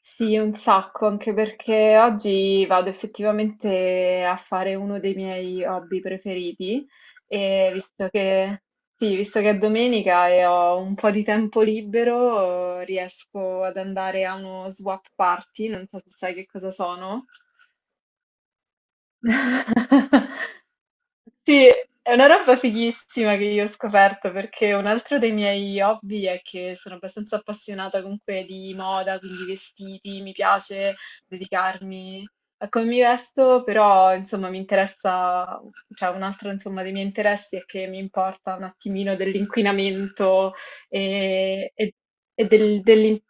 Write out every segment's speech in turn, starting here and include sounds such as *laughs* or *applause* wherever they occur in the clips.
Sì, un sacco, anche perché oggi vado effettivamente a fare uno dei miei hobby preferiti. e visto che, sì, visto che è domenica e ho un po' di tempo libero, riesco ad andare a uno swap party, non so se sai che cosa sono. *laughs* Sì, è una roba fighissima che io ho scoperto perché un altro dei miei hobby è che sono abbastanza appassionata comunque di moda, quindi vestiti, mi piace dedicarmi a come mi vesto, però insomma mi interessa, cioè un altro insomma dei miei interessi è che mi importa un attimino dell'inquinamento e, e- e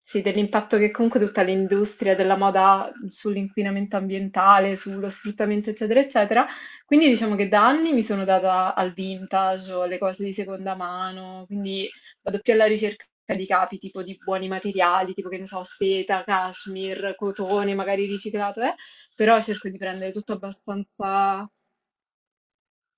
sì, dell'impatto che comunque tutta l'industria della moda ha sull'inquinamento ambientale, sullo sfruttamento, eccetera, eccetera. Quindi diciamo che da anni mi sono data al vintage o alle cose di seconda mano, quindi vado più alla ricerca di capi, tipo di buoni materiali, tipo che ne so, seta, cashmere, cotone, magari riciclato, però cerco di prendere tutto abbastanza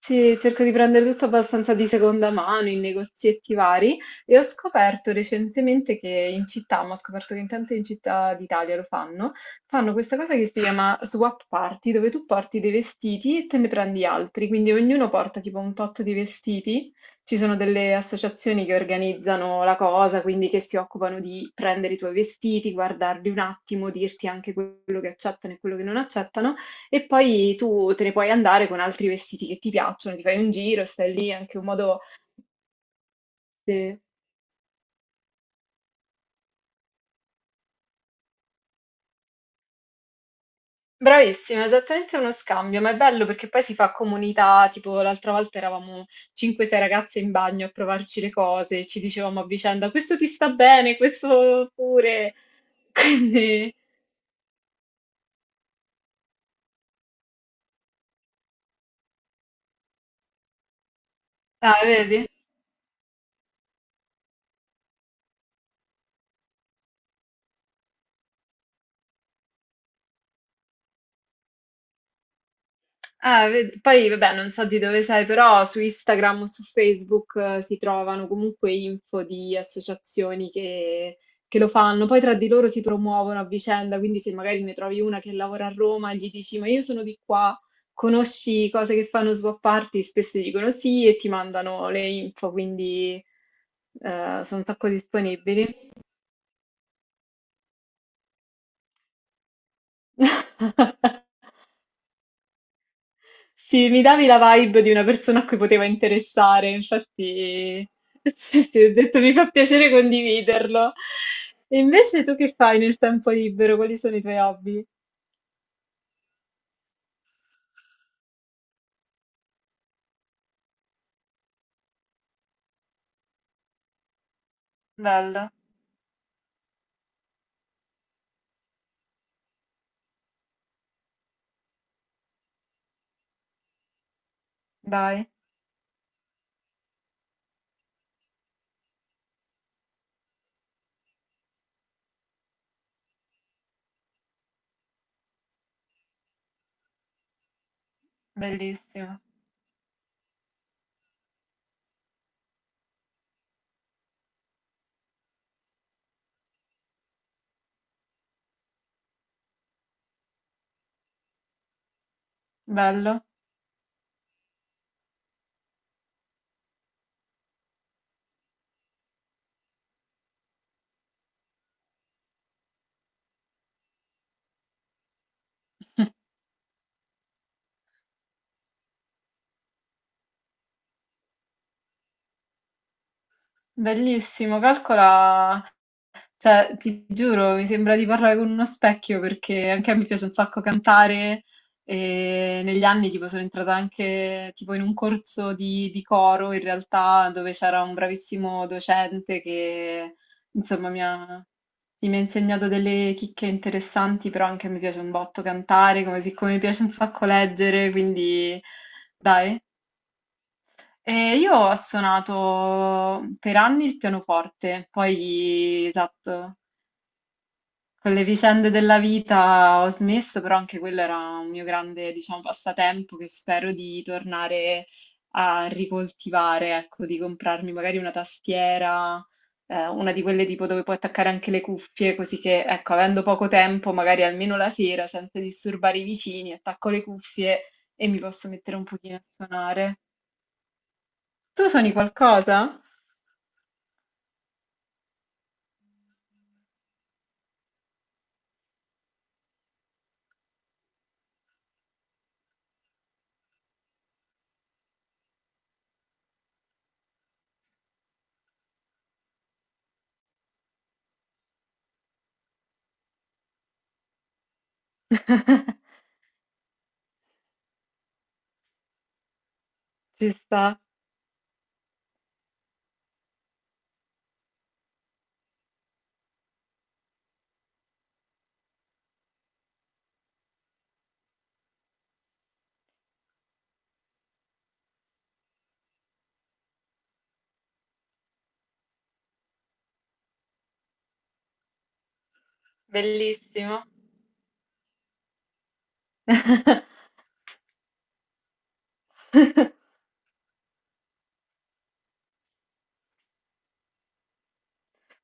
sì, cerco di prendere tutto abbastanza di seconda mano in negozietti vari e ho scoperto recentemente che in città, ma ho scoperto che in tante città d'Italia lo fanno, fanno questa cosa che si chiama swap party, dove tu porti dei vestiti e te ne prendi altri, quindi ognuno porta tipo un tot di vestiti. Ci sono delle associazioni che organizzano la cosa, quindi che si occupano di prendere i tuoi vestiti, guardarli un attimo, dirti anche quello che accettano e quello che non accettano. E poi tu te ne puoi andare con altri vestiti che ti piacciono, ti fai un giro, stai lì, è anche un modo... Sì, bravissima, esattamente uno scambio, ma è bello perché poi si fa comunità, tipo l'altra volta eravamo 5-6 ragazze in bagno a provarci le cose, ci dicevamo a vicenda: questo ti sta bene, questo pure. *laughs* Quindi, ah, vedi? Poi vabbè, non so di dove sei, però su Instagram o su Facebook si trovano comunque info di associazioni che lo fanno, poi tra di loro si promuovono a vicenda, quindi se magari ne trovi una che lavora a Roma, gli dici: ma io sono di qua, conosci cose che fanno swap party? Spesso dicono sì e ti mandano le info, quindi sono un sacco disponibili. *laughs* Sì, mi davi la vibe di una persona a cui poteva interessare, infatti. *laughs* Sì, sì, ho detto, mi fa piacere condividerlo. E invece tu che fai nel tempo libero? Quali sono i tuoi hobby? Bello, dai, bellissimo, bello. *laughs* Bellissimo, calcola. Cioè, ti giuro, mi sembra di parlare con uno specchio perché anche a me piace un sacco cantare, e negli anni tipo sono entrata anche tipo in un corso di coro in realtà, dove c'era un bravissimo docente che insomma mi ha insegnato delle chicche interessanti, però anche a me piace un botto cantare, come siccome mi piace un sacco leggere, quindi dai. E io ho suonato per anni il pianoforte, poi esatto. Con le vicende della vita ho smesso, però anche quello era un mio grande, diciamo, passatempo che spero di tornare a ricoltivare, ecco, di comprarmi magari una tastiera, una di quelle tipo dove puoi attaccare anche le cuffie, così che, ecco, avendo poco tempo, magari almeno la sera, senza disturbare i vicini, attacco le cuffie e mi posso mettere un pochino a suonare. Tu suoni qualcosa? *laughs* Ci sta, bellissimo. *laughs*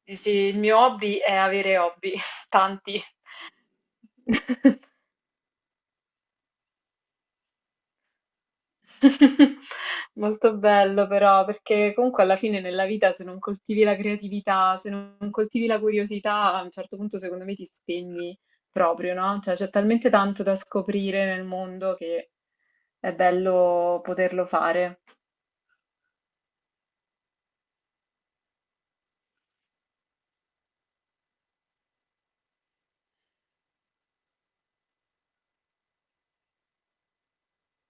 Eh sì, il mio hobby è avere hobby, *laughs* tanti. *laughs* Molto bello però, perché comunque alla fine nella vita, se non coltivi la creatività, se non coltivi la curiosità, a un certo punto secondo me ti spegni proprio, no? Cioè c'è talmente tanto da scoprire nel mondo che è bello poterlo fare,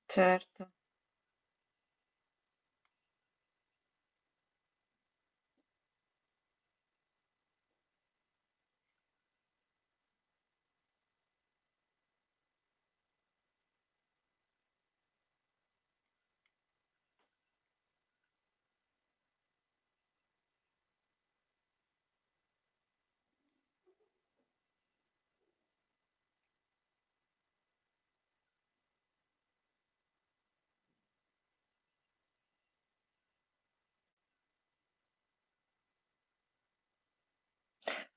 certo.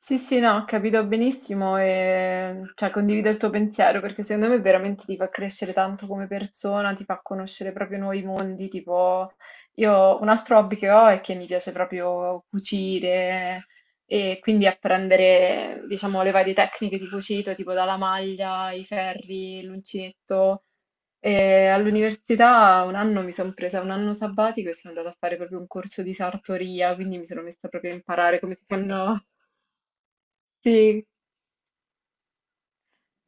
Sì, sì, no, ho capito benissimo e cioè, condivido il tuo pensiero perché secondo me veramente ti fa crescere tanto come persona, ti fa conoscere proprio nuovi mondi. Tipo, io un altro hobby che ho è che mi piace proprio cucire, e quindi apprendere, diciamo, le varie tecniche di cucito, tipo dalla maglia, i ferri, l'uncinetto. E all'università un anno mi sono presa un anno sabbatico e sono andata a fare proprio un corso di sartoria, quindi mi sono messa proprio a imparare come si fanno. Sì,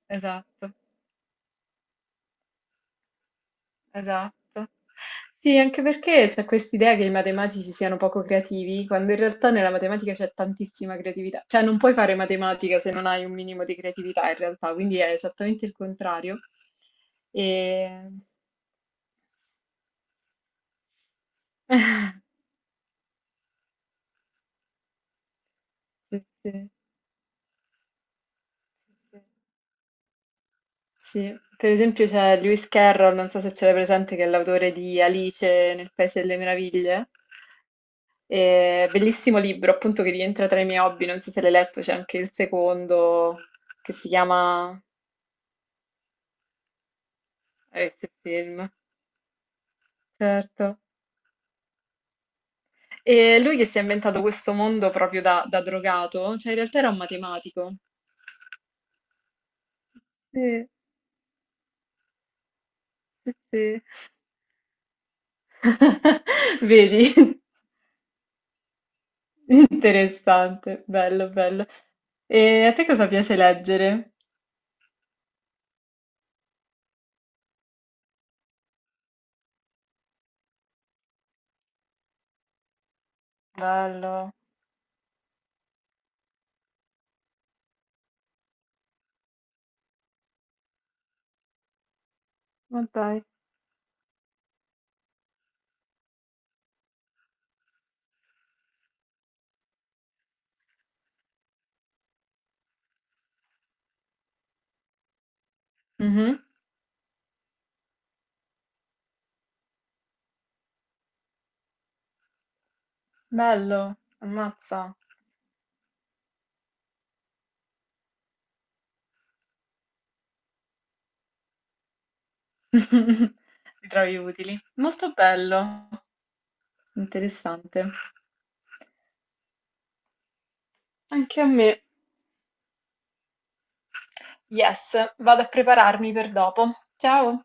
esatto, esatto. Sì, anche perché c'è quest'idea che i matematici siano poco creativi, quando in realtà nella matematica c'è tantissima creatività. Cioè, non puoi fare matematica se non hai un minimo di creatività, in realtà, quindi è esattamente il contrario. E... *laughs* Sì, sì, sì. Sì, per esempio c'è Lewis Carroll, non so se ce l'hai presente, che è l'autore di Alice nel Paese delle Meraviglie. Bellissimo libro, appunto, che rientra tra i miei hobby. Non so se l'hai letto, c'è anche il secondo che si chiama Rest Film. Certo. E lui che si è inventato questo mondo proprio da drogato, cioè in realtà era un matematico. Sì, sì, sì. *laughs* Vedi? *laughs* Interessante, bello, bello. E a te cosa piace leggere? Bello, ma dai. Mhm. Bello, ammazza. *laughs* Li trovi utili. Molto bello, interessante. Anche a me. Yes, vado a prepararmi per dopo. Ciao.